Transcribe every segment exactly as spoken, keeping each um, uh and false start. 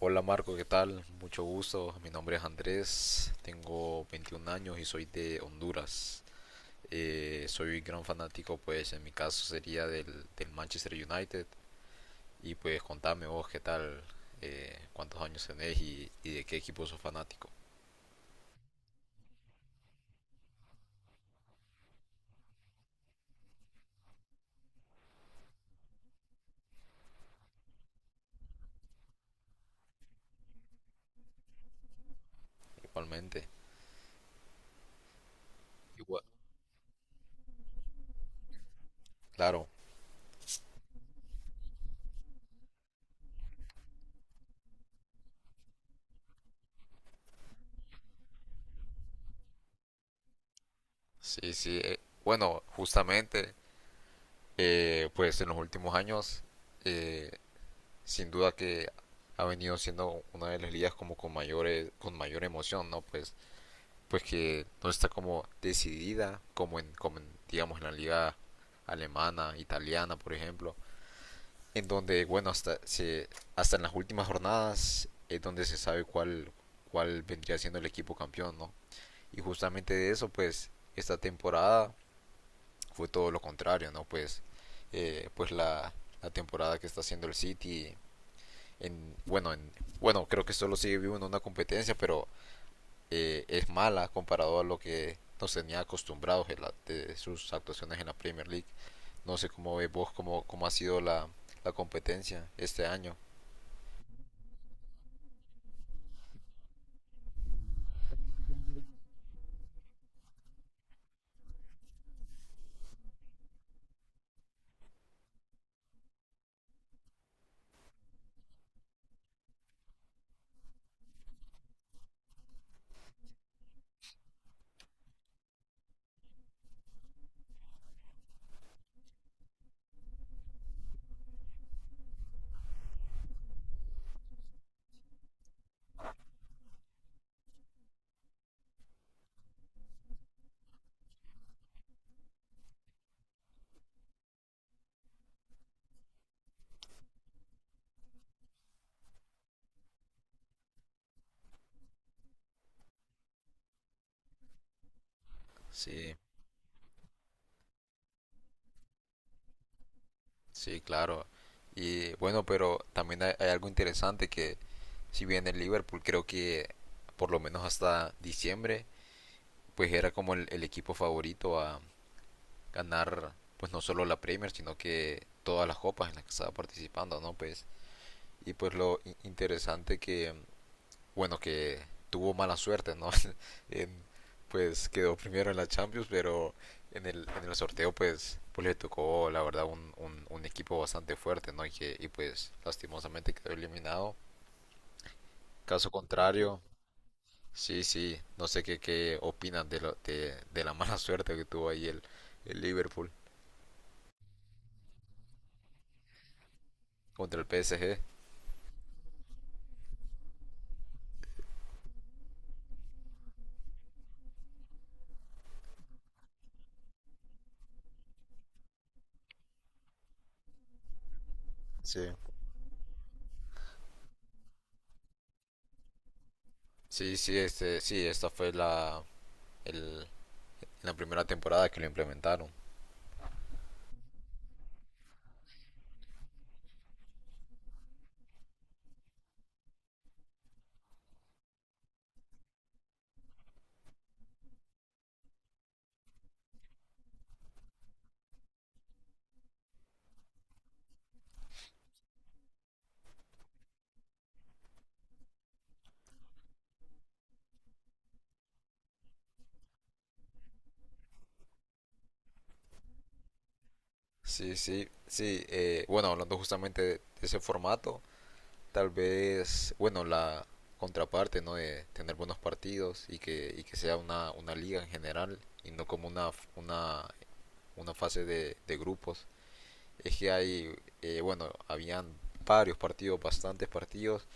Hola Marco, ¿qué tal? Mucho gusto. Mi nombre es Andrés, tengo veintiún años y soy de Honduras. Eh, soy gran fanático, pues en mi caso sería del, del Manchester United. Y pues contame vos qué tal, eh, cuántos años tenés y, y de qué equipo sos fanático. Igualmente. Igual. Claro, sí, sí. eh, bueno, Justamente, eh, pues en los últimos años eh, sin duda que ha venido siendo una de las ligas como con mayor, con mayor emoción, ¿no? Pues, pues que no está como decidida como en, como en, digamos, en la liga alemana, italiana, por ejemplo, en donde, bueno, hasta, se, hasta en las últimas jornadas es donde se sabe cuál, cuál vendría siendo el equipo campeón, ¿no? Y justamente de eso, pues, esta temporada fue todo lo contrario, ¿no? Pues, eh, pues la, la temporada que está haciendo el City en bueno, en, bueno, creo que solo sigue vivo en una competencia, pero eh, es mala comparado a lo que nos tenía acostumbrados en la, de sus actuaciones en la Premier League. No sé cómo ves vos, cómo, cómo ha sido la, la competencia este año. Sí, sí, claro. Y bueno, pero también hay, hay algo interesante que si bien el Liverpool creo que por lo menos hasta diciembre, pues era como el, el equipo favorito a ganar pues no solo la Premier, sino que todas las copas en las que estaba participando, ¿no? Pues y pues lo interesante que bueno que tuvo mala suerte, ¿no? En- pues quedó primero en la Champions, pero en el, en el sorteo pues pues le tocó la verdad un, un, un equipo bastante fuerte, ¿no? Y que y pues lastimosamente quedó eliminado. Caso contrario, sí, sí, no sé qué qué opinan de, lo- de de la mala suerte que tuvo ahí el el Liverpool contra el P S G. Sí. Sí, sí, este, sí, esta fue la, el- La primera temporada que lo implementaron. Sí, sí, sí. Eh, bueno, hablando justamente de ese formato, tal vez, bueno, la contraparte, ¿no? De tener buenos partidos y que, y que sea una, una liga en general y no como una, una, una fase de, de grupos. Es que hay, eh, bueno, habían varios partidos, bastantes partidos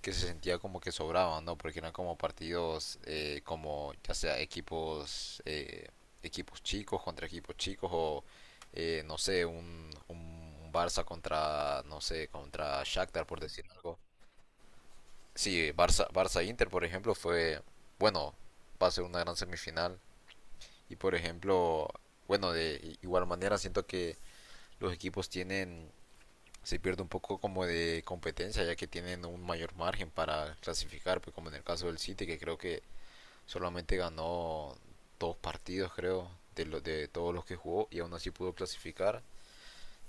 que se sentía como que sobraban, ¿no? Porque eran como partidos, eh, como ya sea equipos, eh, equipos chicos contra equipos chicos o eh, no sé, un, un Barça contra, no sé, contra Shakhtar por decir algo. Sí, Barça, Barça Inter, por ejemplo, fue, bueno, va a ser una gran semifinal. Y por ejemplo, bueno, de igual manera siento que los equipos tienen se pierde un poco como de competencia, ya que tienen un mayor margen para clasificar, pues como en el caso del City, que creo que solamente ganó dos partidos, creo, de, lo, de todos los que jugó y aún así pudo clasificar.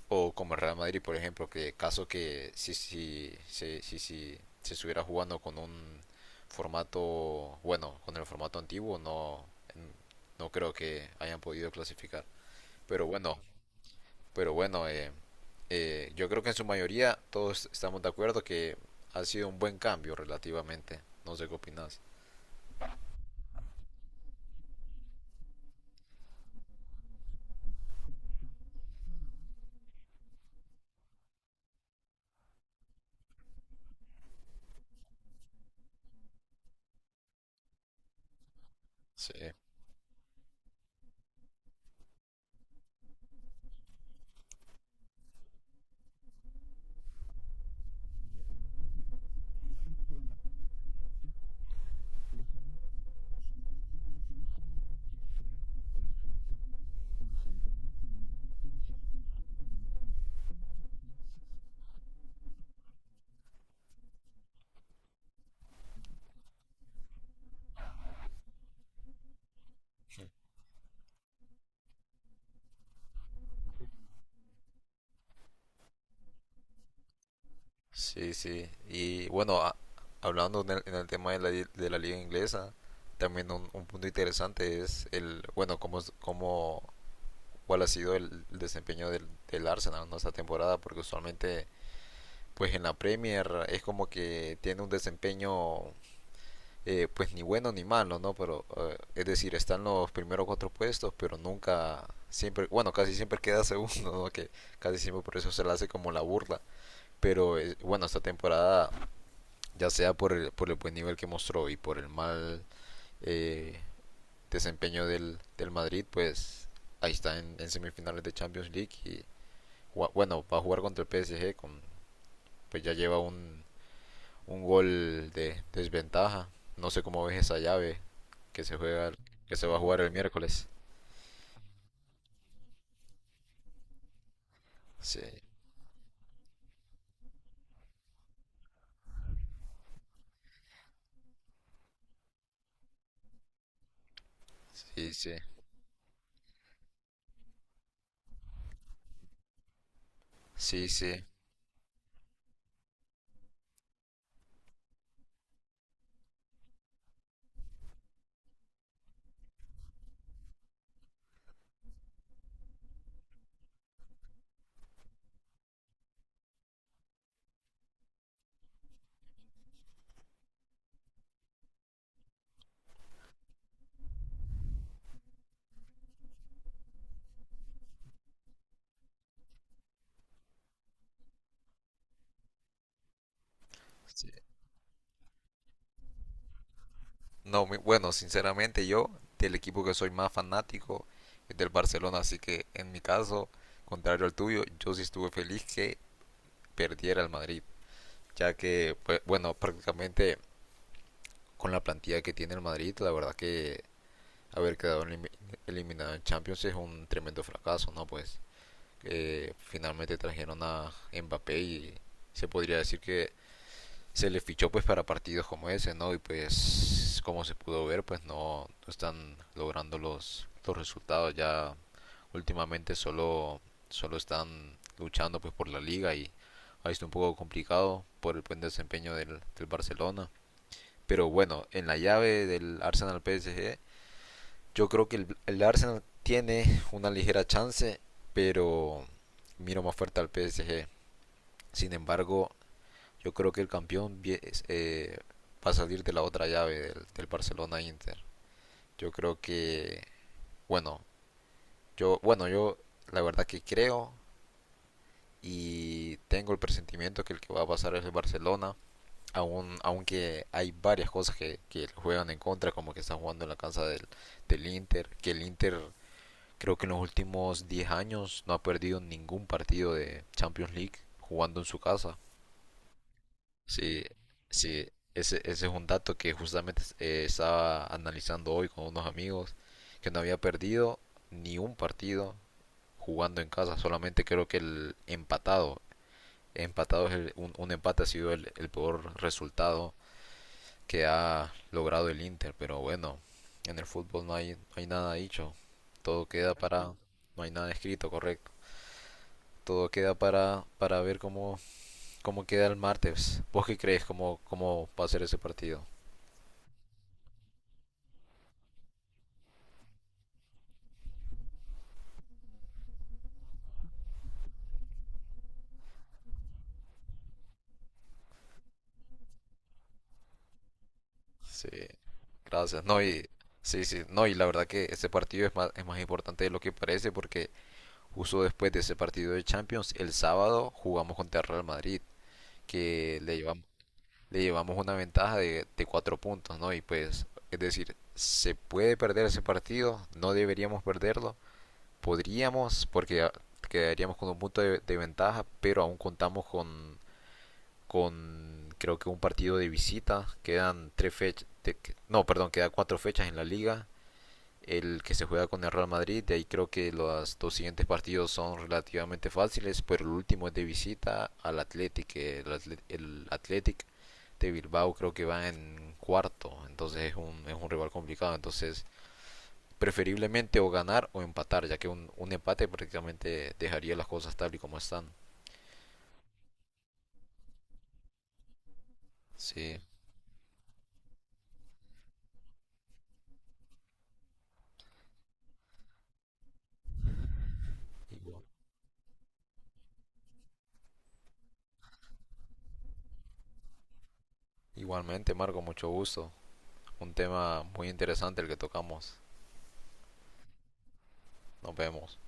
O como el Real Madrid, por ejemplo, que caso que si, si, si, si, si se estuviera jugando con un formato, bueno, con el formato antiguo, no, no creo que hayan podido clasificar. Pero bueno, pero bueno, eh, eh, yo creo que en su mayoría todos estamos de acuerdo que ha sido un buen cambio relativamente. No sé qué opinas. Sí, sí, sí. Y bueno, a- hablando en el, en el tema de la, li- de la liga inglesa, también un, un punto interesante es el, bueno, cómo, es- cómo, cuál ha sido el, el desempeño del, del Arsenal en esta temporada, porque usualmente, pues en la Premier es como que tiene un desempeño eh, pues ni bueno ni malo, ¿no? Pero eh, es decir, están los primeros cuatro puestos, pero nunca, siempre, bueno, casi siempre queda segundo, ¿no? Que casi siempre por eso se le hace como la burla. Pero eh, bueno, esta temporada, ya sea por el, por el buen nivel que mostró y por el mal eh, desempeño del, del Madrid, pues ahí está en, en semifinales de Champions League y bueno, va a jugar contra el P S G, con, pues ya lleva un, un gol de desventaja. No sé cómo ves esa llave que se juega, que se va a jugar el miércoles. Sí, sí, sí, sí, sí. sí. No, mi- bueno, sinceramente yo del equipo que soy más fanático es del Barcelona, así que en mi caso, contrario al tuyo, yo sí estuve feliz que perdiera el Madrid, ya que, pues, bueno, prácticamente con la plantilla que tiene el Madrid, la verdad que haber quedado elimi- eliminado en Champions es un tremendo fracaso, ¿no? Pues eh, finalmente trajeron a Mbappé y se podría decir que se le fichó pues para partidos como ese, ¿no? Y pues como se pudo ver, pues no, no están logrando los, los resultados ya últimamente solo solo están luchando pues por la liga y ha sido un poco complicado por el buen desempeño del, del Barcelona. Pero bueno, en la llave del Arsenal P S G yo creo que el, el Arsenal tiene una ligera chance, pero miro más fuerte al P S G. Sin embargo, yo creo que el campeón eh, va a salir de la otra llave del, del Barcelona Inter. Yo creo que, bueno, yo, bueno, yo La verdad que creo y tengo el presentimiento que el que va a pasar es el Barcelona. Aún, aunque hay varias cosas que, que juegan en contra, como que están jugando en la casa del, del Inter, que el Inter creo que en los últimos diez años no ha perdido ningún partido de Champions League jugando en su casa. Sí, sí, ese, ese es un dato que justamente eh, estaba analizando hoy con unos amigos, que no había perdido ni un partido jugando en casa, solamente creo que el empatado, empatado es el- un, un empate ha sido el, el peor resultado que ha logrado el Inter, pero bueno, en el fútbol no hay, no hay nada dicho, todo queda para, no hay nada escrito, correcto. Todo queda para, para ver cómo, cómo queda el martes. ¿Vos qué crees cómo, cómo va a ser ese partido? Sí, gracias. No, y sí, sí, no, y la verdad que ese partido es más, es más importante de lo que parece porque justo después de ese partido de Champions, el sábado jugamos contra el Real Madrid, que le llevamos, le llevamos una ventaja de, de cuatro puntos, ¿no? Y pues, es decir, se puede perder ese partido, no deberíamos perderlo, podríamos, porque ah, quedaríamos con un punto de, de ventaja, pero aún contamos con, con creo que un partido de visita. Quedan tres fechas, de, no, perdón, Quedan cuatro fechas en la liga. El que se juega con el Real Madrid, de ahí creo que los dos siguientes partidos son relativamente fáciles, pero el último es de visita al Athletic. El, Atlet- el Athletic de Bilbao creo que va en cuarto, entonces es un, es un rival complicado. Entonces preferiblemente o ganar o empatar, ya que un, un empate prácticamente dejaría las cosas tal y como están. Sí, igual- igualmente Marco, mucho gusto. Un tema muy interesante el que tocamos. Nos vemos.